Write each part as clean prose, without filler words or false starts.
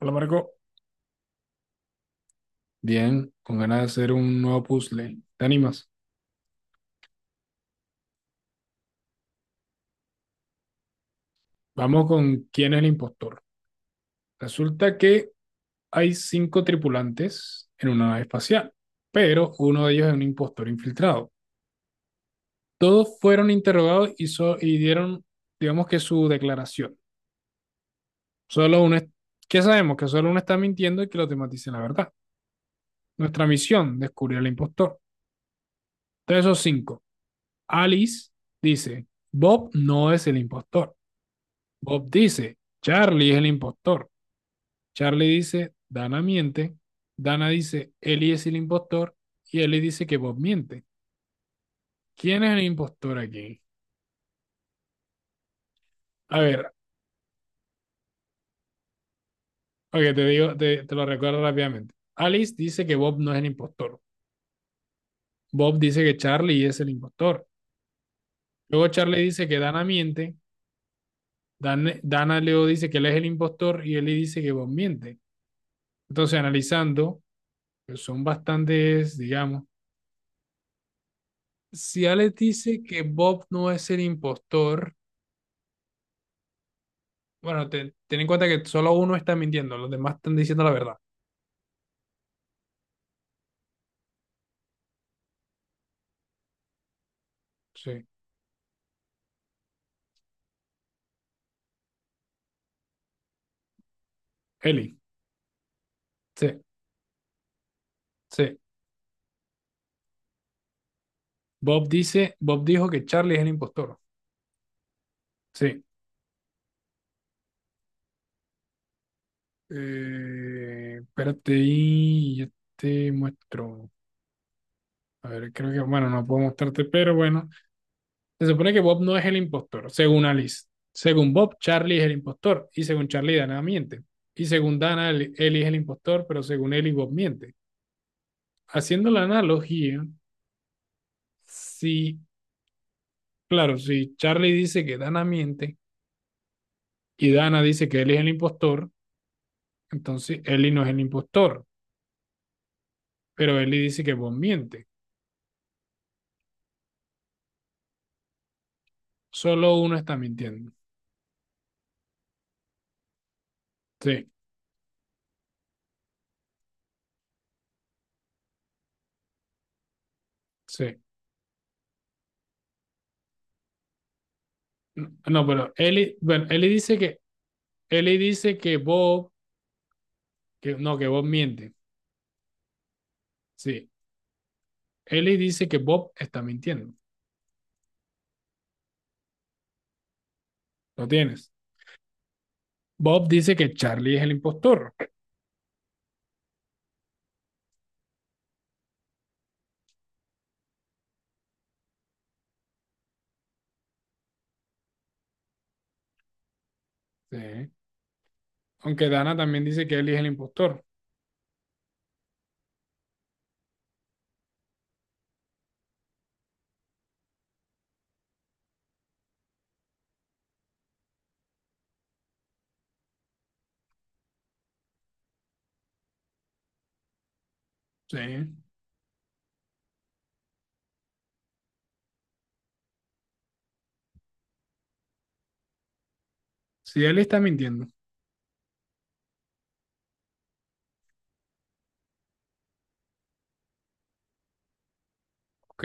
Hola Marco. Bien, con ganas de hacer un nuevo puzzle. ¿Te animas? Vamos con quién es el impostor. Resulta que hay cinco tripulantes en una nave espacial, pero uno de ellos es un impostor infiltrado. Todos fueron interrogados y, dieron, digamos, que su declaración. Solo uno, es- ¿Qué sabemos? Que solo uno está mintiendo y que los demás dicen la verdad. Nuestra misión, descubrir al impostor. Entonces, esos cinco. Alice dice, Bob no es el impostor. Bob dice, Charlie es el impostor. Charlie dice, Dana miente. Dana dice, Ellie es el impostor. Y Ellie dice que Bob miente. ¿Quién es el impostor aquí? A ver, ok, te digo, te lo recuerdo rápidamente. Alice dice que Bob no es el impostor. Bob dice que Charlie es el impostor. Luego Charlie dice que Dana miente. Dana luego dice que él es el impostor y Ellie dice que Bob miente. Entonces, analizando, pues son bastantes, digamos. Si Alex dice que Bob no es el impostor, bueno, ten en cuenta que solo uno está mintiendo, los demás están diciendo la verdad. Sí. Eli. Sí, sí. Bob dijo que Charlie es el impostor. Sí. Espérate y yo te muestro. A ver, creo que, bueno, no puedo mostrarte, pero bueno. Se supone que Bob no es el impostor, según Alice. Según Bob, Charlie es el impostor. Y según Charlie, Dana miente. Y según Dana, Eli es el impostor, pero según Eli, Bob miente. Haciendo la analogía, si, claro, si Charlie dice que Dana miente y Dana dice que él es el impostor, entonces Ellie no es el impostor, pero Ellie dice que Bob miente. Solo uno está mintiendo. Sí, sí. No, no, pero Ellie, bueno, Ellie dice que Bob, que no, que Bob miente. Sí. Ellie dice que Bob está mintiendo. Lo tienes. Bob dice que Charlie es el impostor. Sí. Aunque Dana también dice que Ellie es el impostor. Sí. Sí, Ellie está mintiendo. Ok,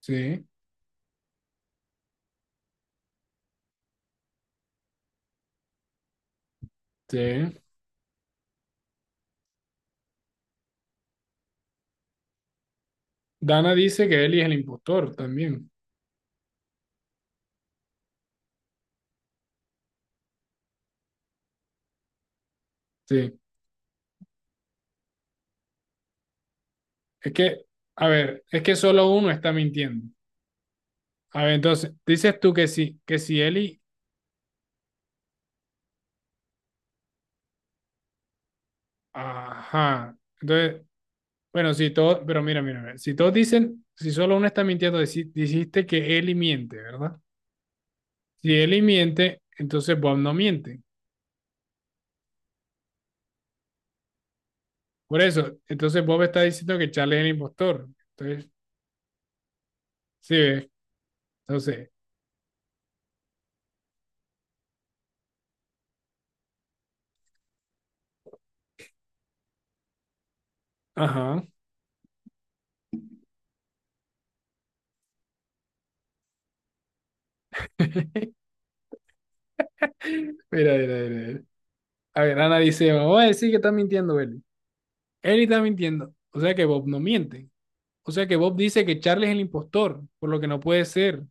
sí, sí. Dana dice que Eli es el impostor también. Sí. Es que, a ver, es que solo uno está mintiendo. A ver, entonces, dices tú que sí, que si Eli, ajá. Entonces, bueno, si todos, pero mira, mira, mira, si todos dicen, si solo uno está mintiendo, dijiste que Eli miente, ¿verdad? Si Eli miente, entonces Bob no miente. Por eso, entonces Bob está diciendo que Charlie es el impostor. Entonces, sí, ¿ves? Entonces, ajá. Mira, mira, mira. A ver, Ana dice, vamos a decir que está mintiendo Eli. Eli está mintiendo. O sea que Bob no miente. O sea que Bob dice que Charlie es el impostor, por lo que no puede ser.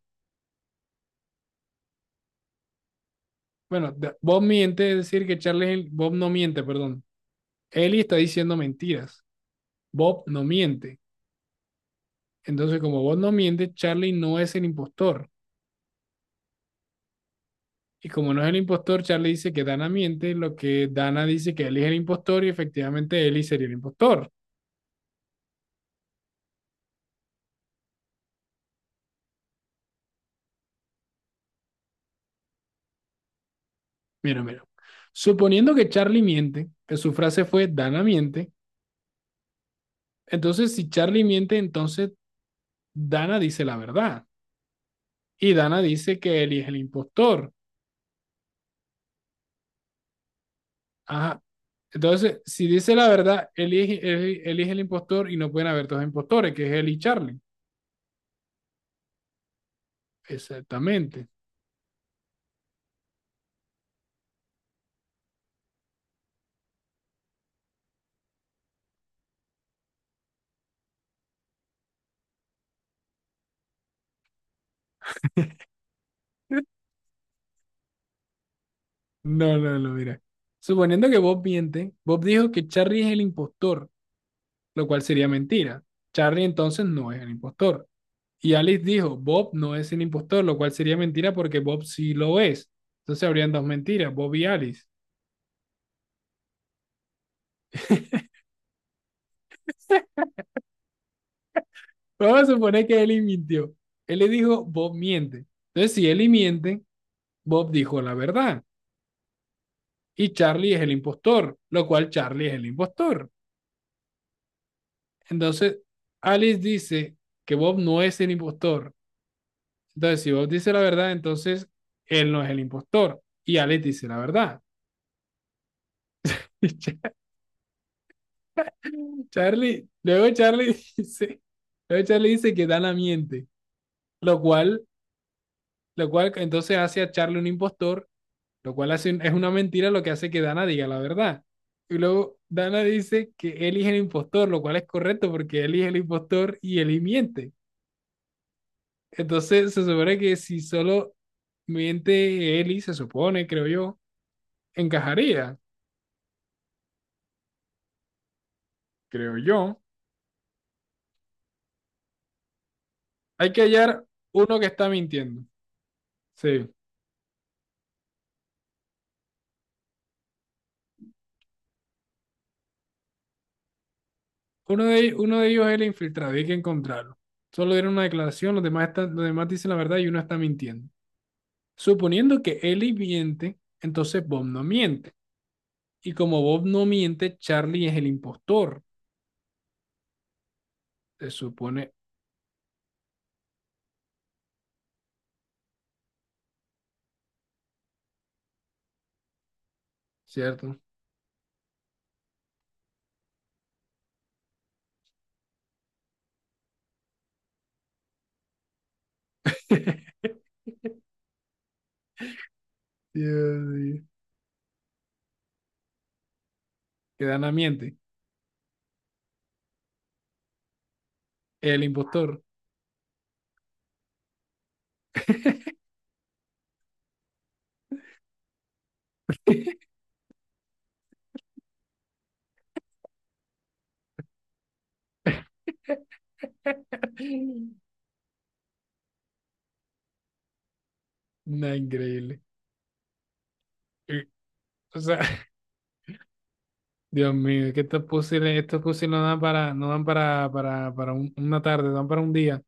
Bueno, Bob miente, es decir que Charlie es Bob no miente, perdón. Eli está diciendo mentiras. Bob no miente. Entonces, como Bob no miente, Charlie no es el impostor. Y como no es el impostor, Charlie dice que Dana miente, lo que Dana dice que Eli es el impostor y efectivamente Eli sería el impostor. Mira, mira. Suponiendo que Charlie miente, que su frase fue Dana miente. Entonces, si Charlie miente, entonces Dana dice la verdad. Y Dana dice que Eli es el impostor. Ajá. Entonces, si dice la verdad, Eli, Eli es el impostor y no pueden haber dos impostores, que es Eli y Charlie. Exactamente. No, no, no, mira. Suponiendo que Bob miente, Bob dijo que Charlie es el impostor, lo cual sería mentira. Charlie entonces no es el impostor. Y Alice dijo, Bob no es el impostor, lo cual sería mentira porque Bob sí lo es. Entonces habrían dos mentiras, Bob y Alice. Vamos a suponer que Eli mintió. Él le dijo, Bob miente. Entonces, si Eli miente, Bob dijo la verdad. Y Charlie es el impostor, lo cual Charlie es el impostor. Entonces, Alice dice que Bob no es el impostor. Entonces, si Bob dice la verdad, entonces él no es el impostor. Y Alice dice la verdad. Y Char- Charlie, luego Charlie dice, luego Charlie dice que Dana miente, lo cual, lo cual entonces hace a Charlie un impostor, lo cual hace es una mentira lo que hace que Dana diga la verdad. Y luego Dana dice que Eli es el impostor, lo cual es correcto porque Eli es el impostor y Eli miente. Entonces se supone que si solo miente Eli, se supone, creo yo, encajaría, creo yo. Hay que hallar uno que está mintiendo. Sí. Uno de, uno de ellos es el infiltrado, y hay que encontrarlo. Solo dieron una declaración, los demás, están, los demás dicen la verdad y uno está mintiendo. Suponiendo que Eli miente, entonces Bob no miente. Y como Bob no miente, Charlie es el impostor, se supone, ¿cierto? Dios mío. Que Dana miente, el impostor. ¡Nada increíble! Eh, O sea, Dios mío, es que estos puzzles no dan para, no dan para, para una tarde, dan para un día.